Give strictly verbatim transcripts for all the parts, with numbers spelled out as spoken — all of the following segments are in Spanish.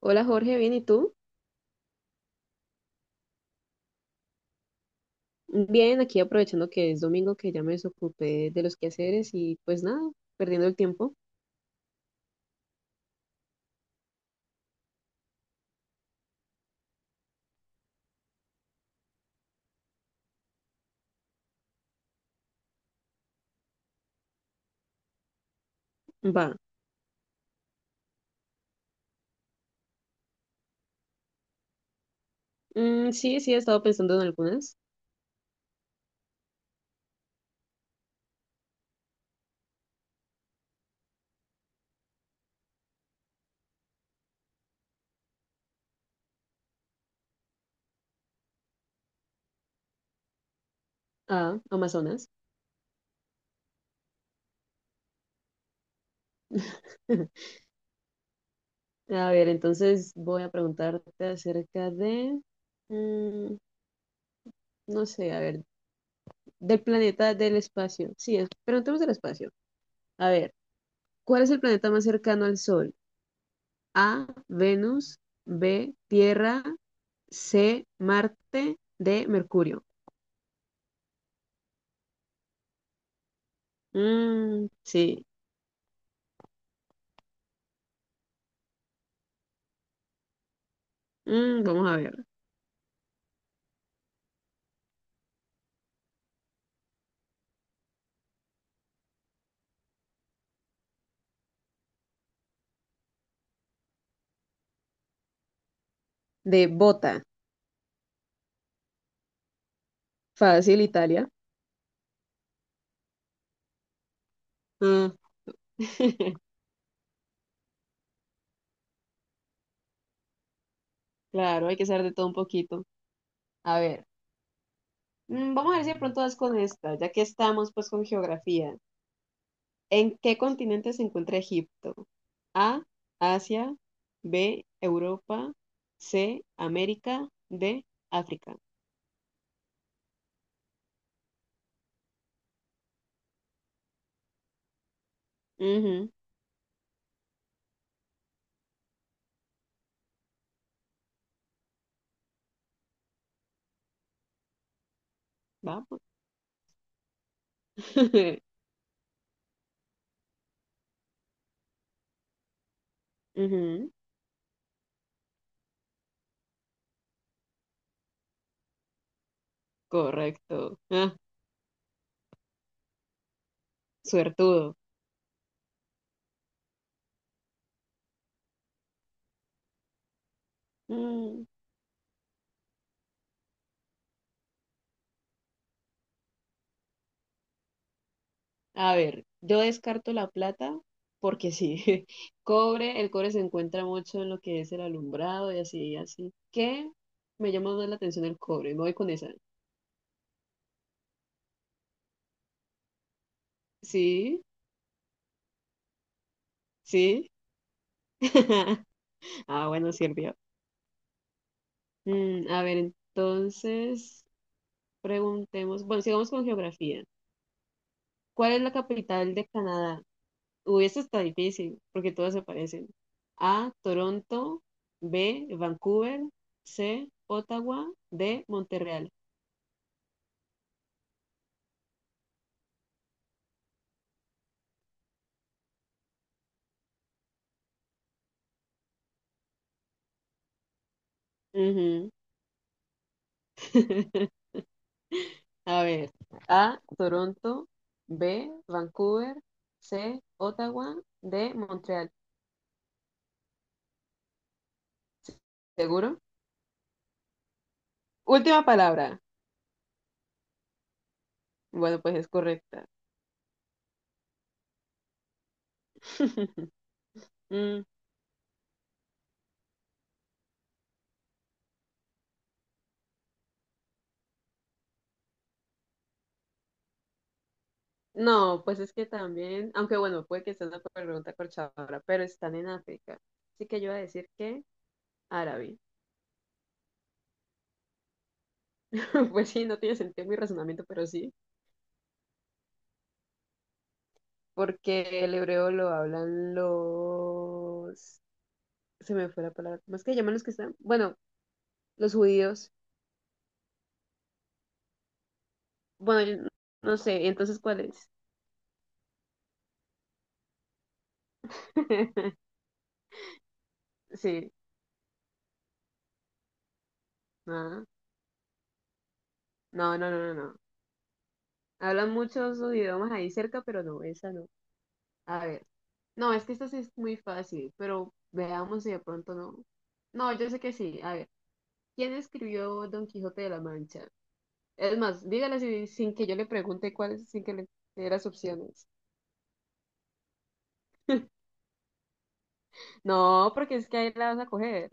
Hola Jorge, bien, ¿y tú? Bien, aquí aprovechando que es domingo, que ya me desocupé de los quehaceres y pues nada, perdiendo el tiempo. Va. Mm, sí, sí, he estado pensando en algunas. Ah, Amazonas. A ver, entonces voy a preguntarte acerca de, mm, no sé, a ver, del planeta del espacio. Sí, es, preguntemos del espacio. A ver, ¿cuál es el planeta más cercano al Sol? A, Venus. B, Tierra. C, Marte. D, Mercurio. Mm, sí. Mm, vamos a ver. De bota. Fácil, Italia. Ah, Claro, hay que saber de todo un poquito. A ver, mm, vamos a ver si de pronto das con esta, ya que estamos pues con geografía. ¿En qué continente se encuentra Egipto? A, Asia. B, Europa. C, América. D, África. Ujú. Vamos. Ujú. Correcto. Ah, suertudo. Mm. A ver, yo descarto la plata porque sí, cobre, el cobre se encuentra mucho en lo que es el alumbrado y así, así. ¿Qué? Me llama más la atención el cobre, me voy con esa. Sí, sí. Ah, bueno, sirvió. Mm, a ver, entonces preguntemos, bueno, sigamos con geografía. ¿Cuál es la capital de Canadá? Uy, esto está difícil porque todas se parecen. A, Toronto. B, Vancouver. C, Ottawa. D, Montreal. Ujú. A ver, A, Toronto. B, Vancouver. C, Ottawa. D, Montreal. ¿Seguro? Última palabra. Bueno, pues es correcta. Mm, no, pues es que también, aunque bueno, puede que sea una pregunta corchadora, pero están en África. Así que yo voy a decir que árabe. Pues sí, no tiene sentido mi razonamiento, pero sí, porque el hebreo lo hablan los... Se me fue la palabra. ¿Cómo es que llaman los que están? Bueno, los judíos. Bueno, yo no sé, entonces, ¿cuál es? Sí, no, no, no, no, no. No. Hablan muchos idiomas ahí cerca, pero no, esa no. A ver, no, es que esta sí es muy fácil, pero veamos si de pronto no. No, yo sé que sí. A ver, ¿quién escribió Don Quijote de la Mancha? Es más, dígala si- sin que yo le pregunte cuáles, sin que le dé las opciones. No, porque es que ahí la vas a coger.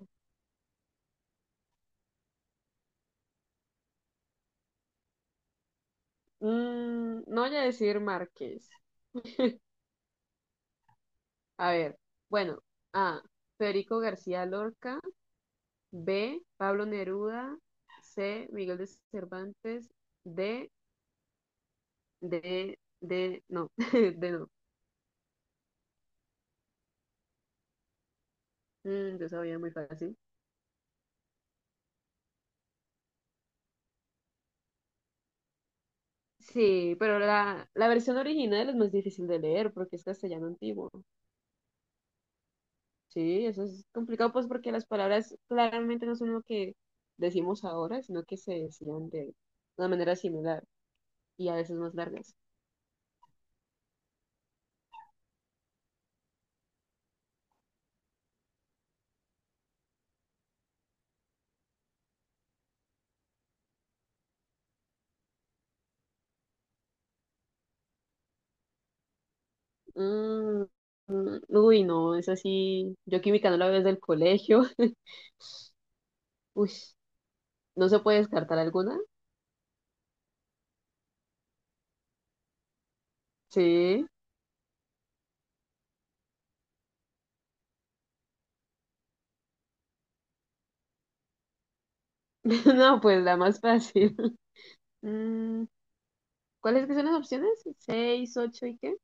Mm, no voy a decir Márquez. A ver, bueno, A, Federico García Lorca. B, Pablo Neruda. C, Miguel de Cervantes. D, D, D, no, D no. Mm, yo sabía muy fácil. Sí, pero la, la versión original es más difícil de leer porque es castellano antiguo. Sí, eso es complicado pues porque las palabras claramente no son lo que decimos ahora, sino que se decían de una manera similar y a veces más largas. Mm, mm, uy, no, es así. Yo química no la veo desde el colegio. Uy, ¿no se puede descartar alguna? Sí. No, pues la más fácil. Mm, ¿cuáles que son las opciones? ¿Seis, ocho y qué?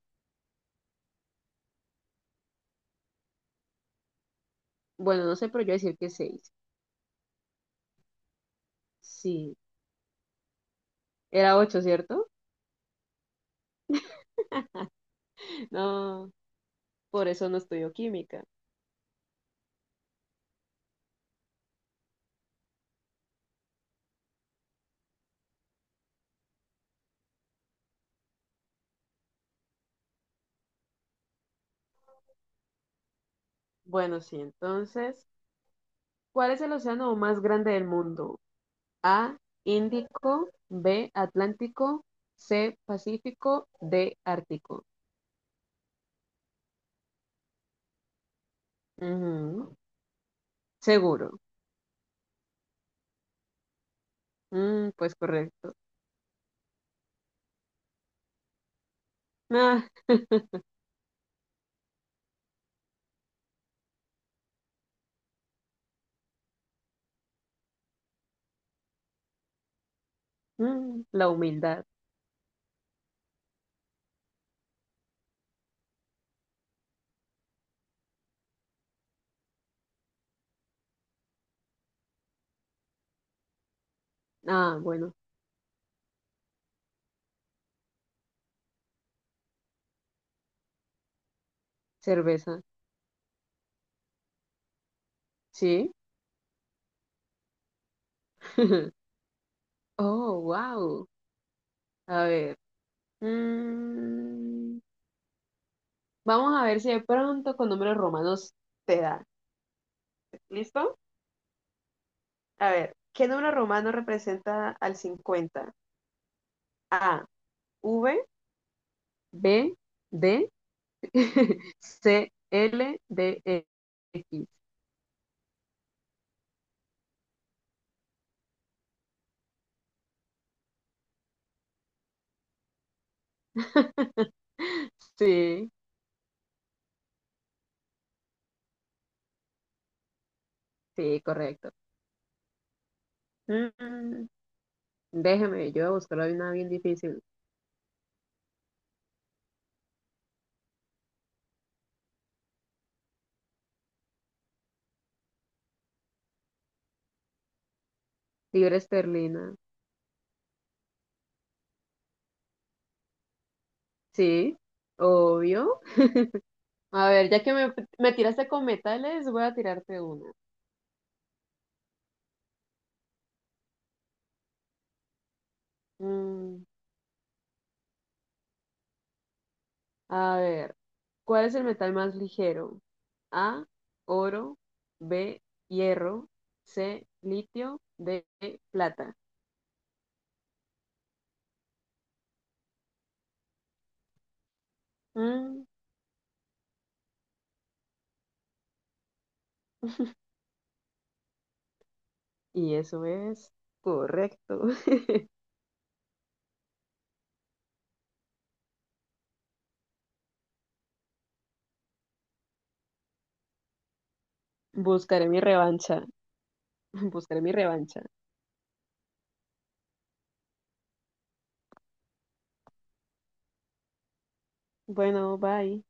Bueno, no sé, pero yo voy a decir que seis. Sí. Era ocho, ¿cierto? No, por eso no estudio química. Bueno, sí, entonces, ¿cuál es el océano más grande del mundo? A, Índico. B, Atlántico. C, Pacífico. D, Ártico. Ujú. Seguro. Mm, pues correcto. Ah, mm, la humildad. Ah, bueno, cerveza. Sí. Oh, wow. A ver. mm, Vamos a ver si de pronto con números romanos te da. ¿Listo? A ver, ¿qué número romano representa al cincuenta? A, V. B, D. C, L. D, E, X. Sí, sí, correcto. Mm, déjeme, yo voy a buscar hoy una bien difícil. Libra esterlina. Sí, obvio. A ver, ya que me, me tiraste con metales, voy a tirarte una. Mm, a ver, ¿cuál es el metal más ligero? A, oro. B, hierro. C, litio. D, plata. Mm, y eso es correcto. Buscaré mi revancha. Buscaré mi revancha. Bueno, bye.